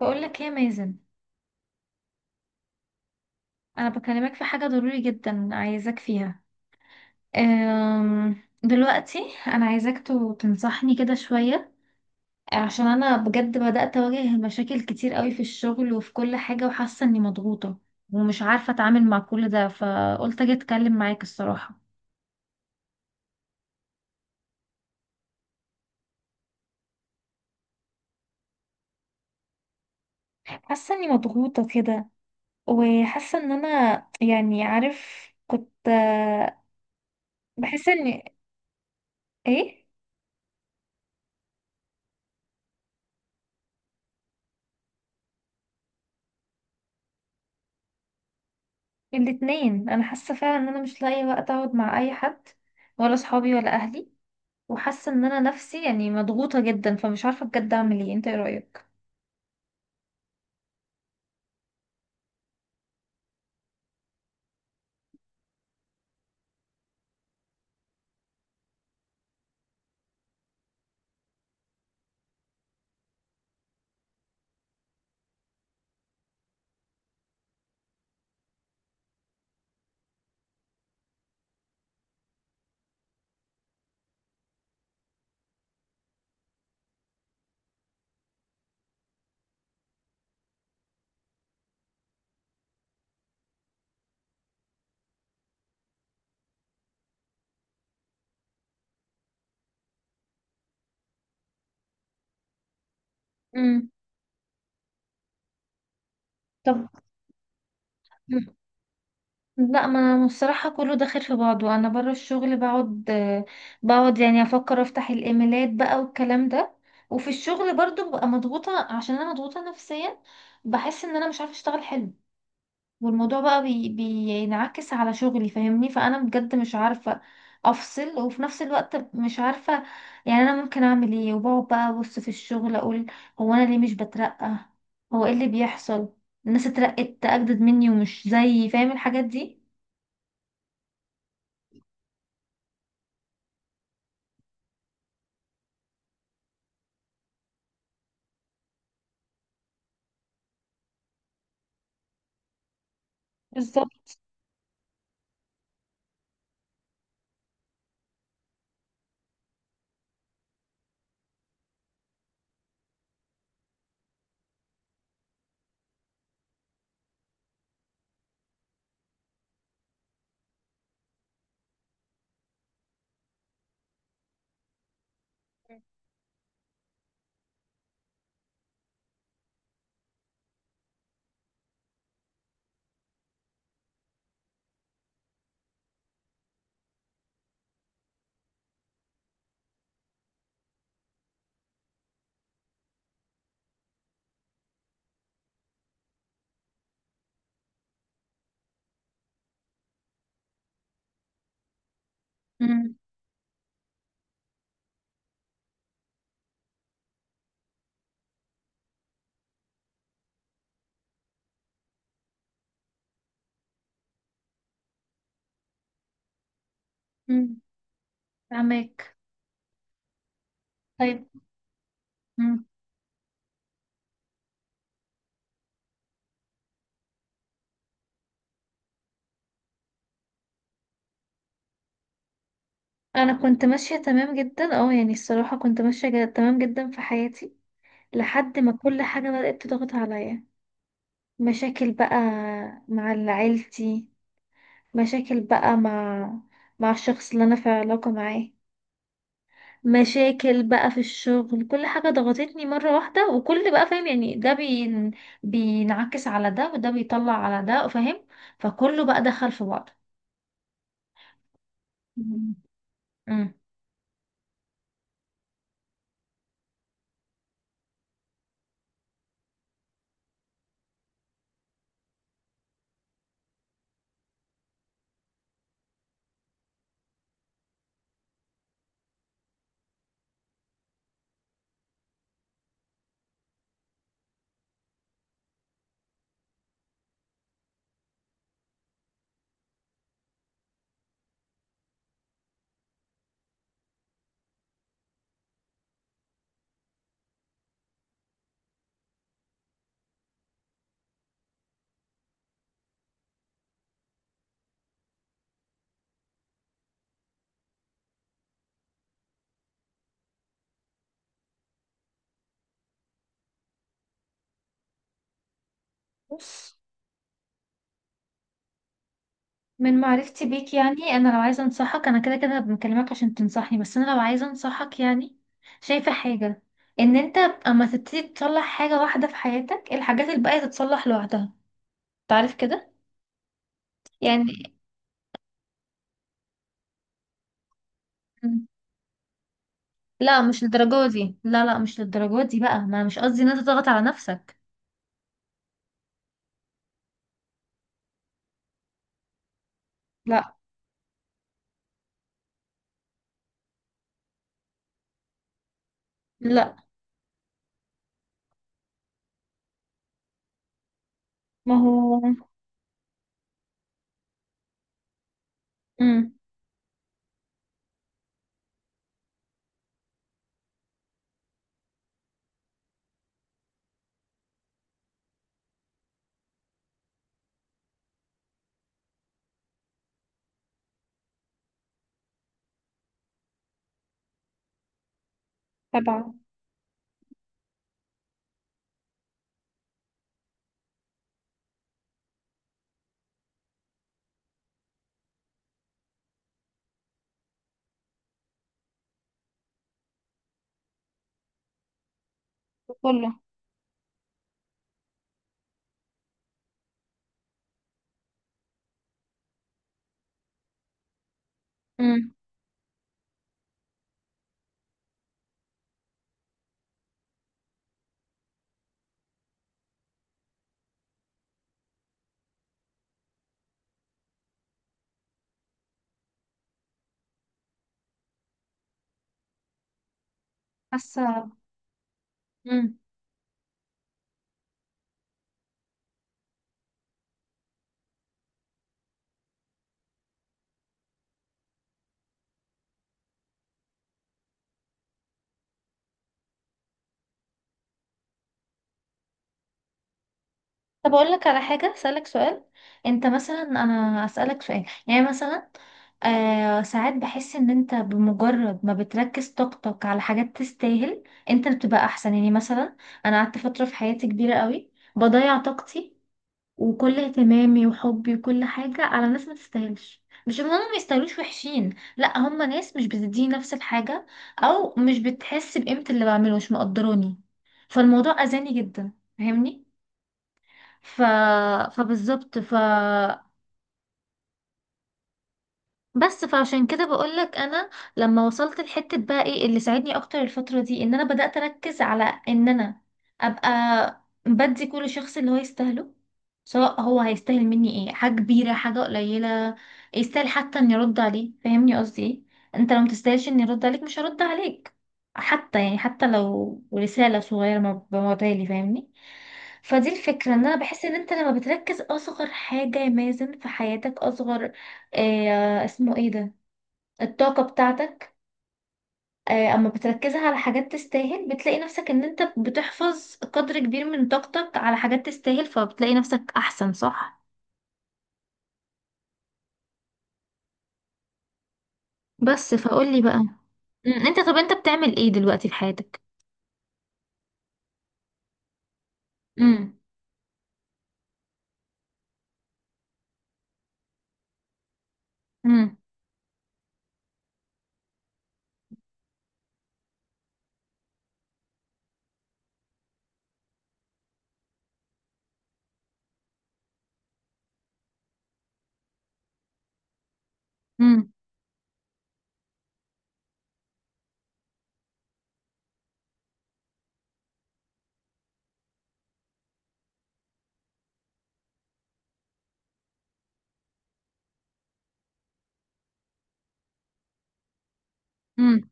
بقول لك ايه يا مازن؟ انا بكلمك في حاجه ضروري جدا عايزاك فيها. أم، دلوقتي انا عايزاك تنصحني كده شويه. عشان انا بجد بدات اواجه مشاكل كتير قوي في الشغل وفي كل حاجه، وحاسه اني مضغوطه ومش عارفه اتعامل مع كل ده، فقلت اجي اتكلم معاك الصراحه. حاسه اني مضغوطه كده، وحاسه ان انا يعني عارف كنت بحس اني ايه. الاتنين، انا حاسه فعلا ان انا مش لاقي وقت اقعد مع اي حد، ولا صحابي ولا اهلي. وحاسه ان انا نفسي يعني مضغوطه جدا، فمش عارفه بجد اعمل ايه. انت ايه رايك؟ امم. طب. مم. لا، ما أنا الصراحه كله داخل في بعضه. انا بره الشغل بقعد يعني افكر، افتح الايميلات بقى والكلام ده. وفي الشغل برضو ببقى مضغوطه، عشان انا مضغوطه نفسيا، بحس ان انا مش عارفه اشتغل حلو. والموضوع بقى بينعكس على شغلي، فاهمني؟ فانا بجد مش عارفه افصل، وفي نفس الوقت مش عارفه يعني انا ممكن اعمل ايه. وبقعد بقى ابص في الشغل اقول: هو انا ليه مش بترقى؟ هو ايه اللي بيحصل؟ الناس اترقت اجدد مني ومش زيي، فاهم الحاجات دي؟ بالظبط. امم. امم، فاهمك. طيب. امم. انا كنت ماشيه تمام جدا، اه يعني الصراحه كنت ماشيه تمام جدا في حياتي، لحد ما كل حاجه بدات تضغط عليا. مشاكل بقى مع عيلتي، مشاكل بقى مع الشخص اللي انا في علاقة معاه، مشاكل بقى في الشغل. كل حاجة ضغطتني مرة واحدة، وكل بقى فاهم يعني ده بينعكس على ده، وده بيطلع على ده، فاهم؟ فكله بقى دخل في بعضه. مم. امم. بص، من معرفتي بيك يعني انا لو عايزه انصحك، انا كده كده بكلمك عشان تنصحني، بس انا لو عايزه انصحك يعني شايفه حاجه: ان انت اما تبتدي تصلح حاجه واحده في حياتك، الحاجات الباقيه تتصلح لوحدها. تعرف كده؟ يعني. مم. لا، مش للدرجه دي، لا لا مش للدرجه دي بقى، ما مش قصدي ان انت تضغط على نفسك. لا. لا. ما هو. امم. تبعه. كله. امم. حاسه. مم. طب اقول لك على حاجه، اسالك سؤال، انت مثلا، انا اسالك سؤال يعني مثلا، آه ساعات بحس ان انت بمجرد ما بتركز طاقتك على حاجات تستاهل، انت بتبقى احسن. يعني مثلا انا قعدت فتره في حياتي كبيره قوي بضيع طاقتي وكل اهتمامي وحبي وكل حاجه على ناس ما تستاهلش. مش ان هم ما يستاهلوش وحشين، لا، هم ناس مش بتديني نفس الحاجه، او مش بتحس بقيمه اللي بعمله، مش مقدراني. فالموضوع اذاني جدا، فاهمني؟ ف... فبالظبط. بس فعشان كده بقولك، انا لما وصلت لحتة بقى، ايه اللي ساعدني اكتر الفترة دي؟ ان انا بدأت اركز على ان انا ابقى بدي كل شخص اللي هو يستاهله. سواء هو هيستاهل مني ايه، حاجة كبيرة، حاجة قليلة، يستاهل حتى اني ارد عليه. فاهمني قصدي ايه؟ انت لو متستاهلش اني ارد عليك مش هرد عليك، حتى يعني حتى لو رسالة صغيرة ما ببعتها لي، فاهمني؟ فدي الفكرة، ان انا بحس ان انت لما بتركز اصغر حاجة يا مازن في حياتك، اصغر آه اسمه ايه ده، الطاقة بتاعتك، آه اما بتركزها على حاجات تستاهل، بتلاقي نفسك ان انت بتحفظ قدر كبير من طاقتك على حاجات تستاهل، فبتلاقي نفسك احسن، صح؟ بس فقولي بقى. مم. طب انت بتعمل ايه دلوقتي في حياتك؟ امم. امم. امم. امم.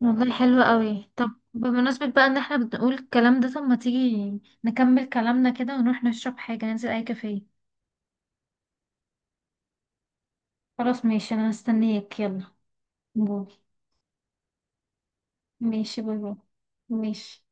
والله حلو قوي. طب بمناسبة بقى ان احنا بنقول الكلام ده، طب ما تيجي نكمل كلامنا كده ونروح نشرب حاجة، ننزل اي كافيه. خلاص ماشي، انا هستنيك. يلا باي. ماشي باي باي. ماشي.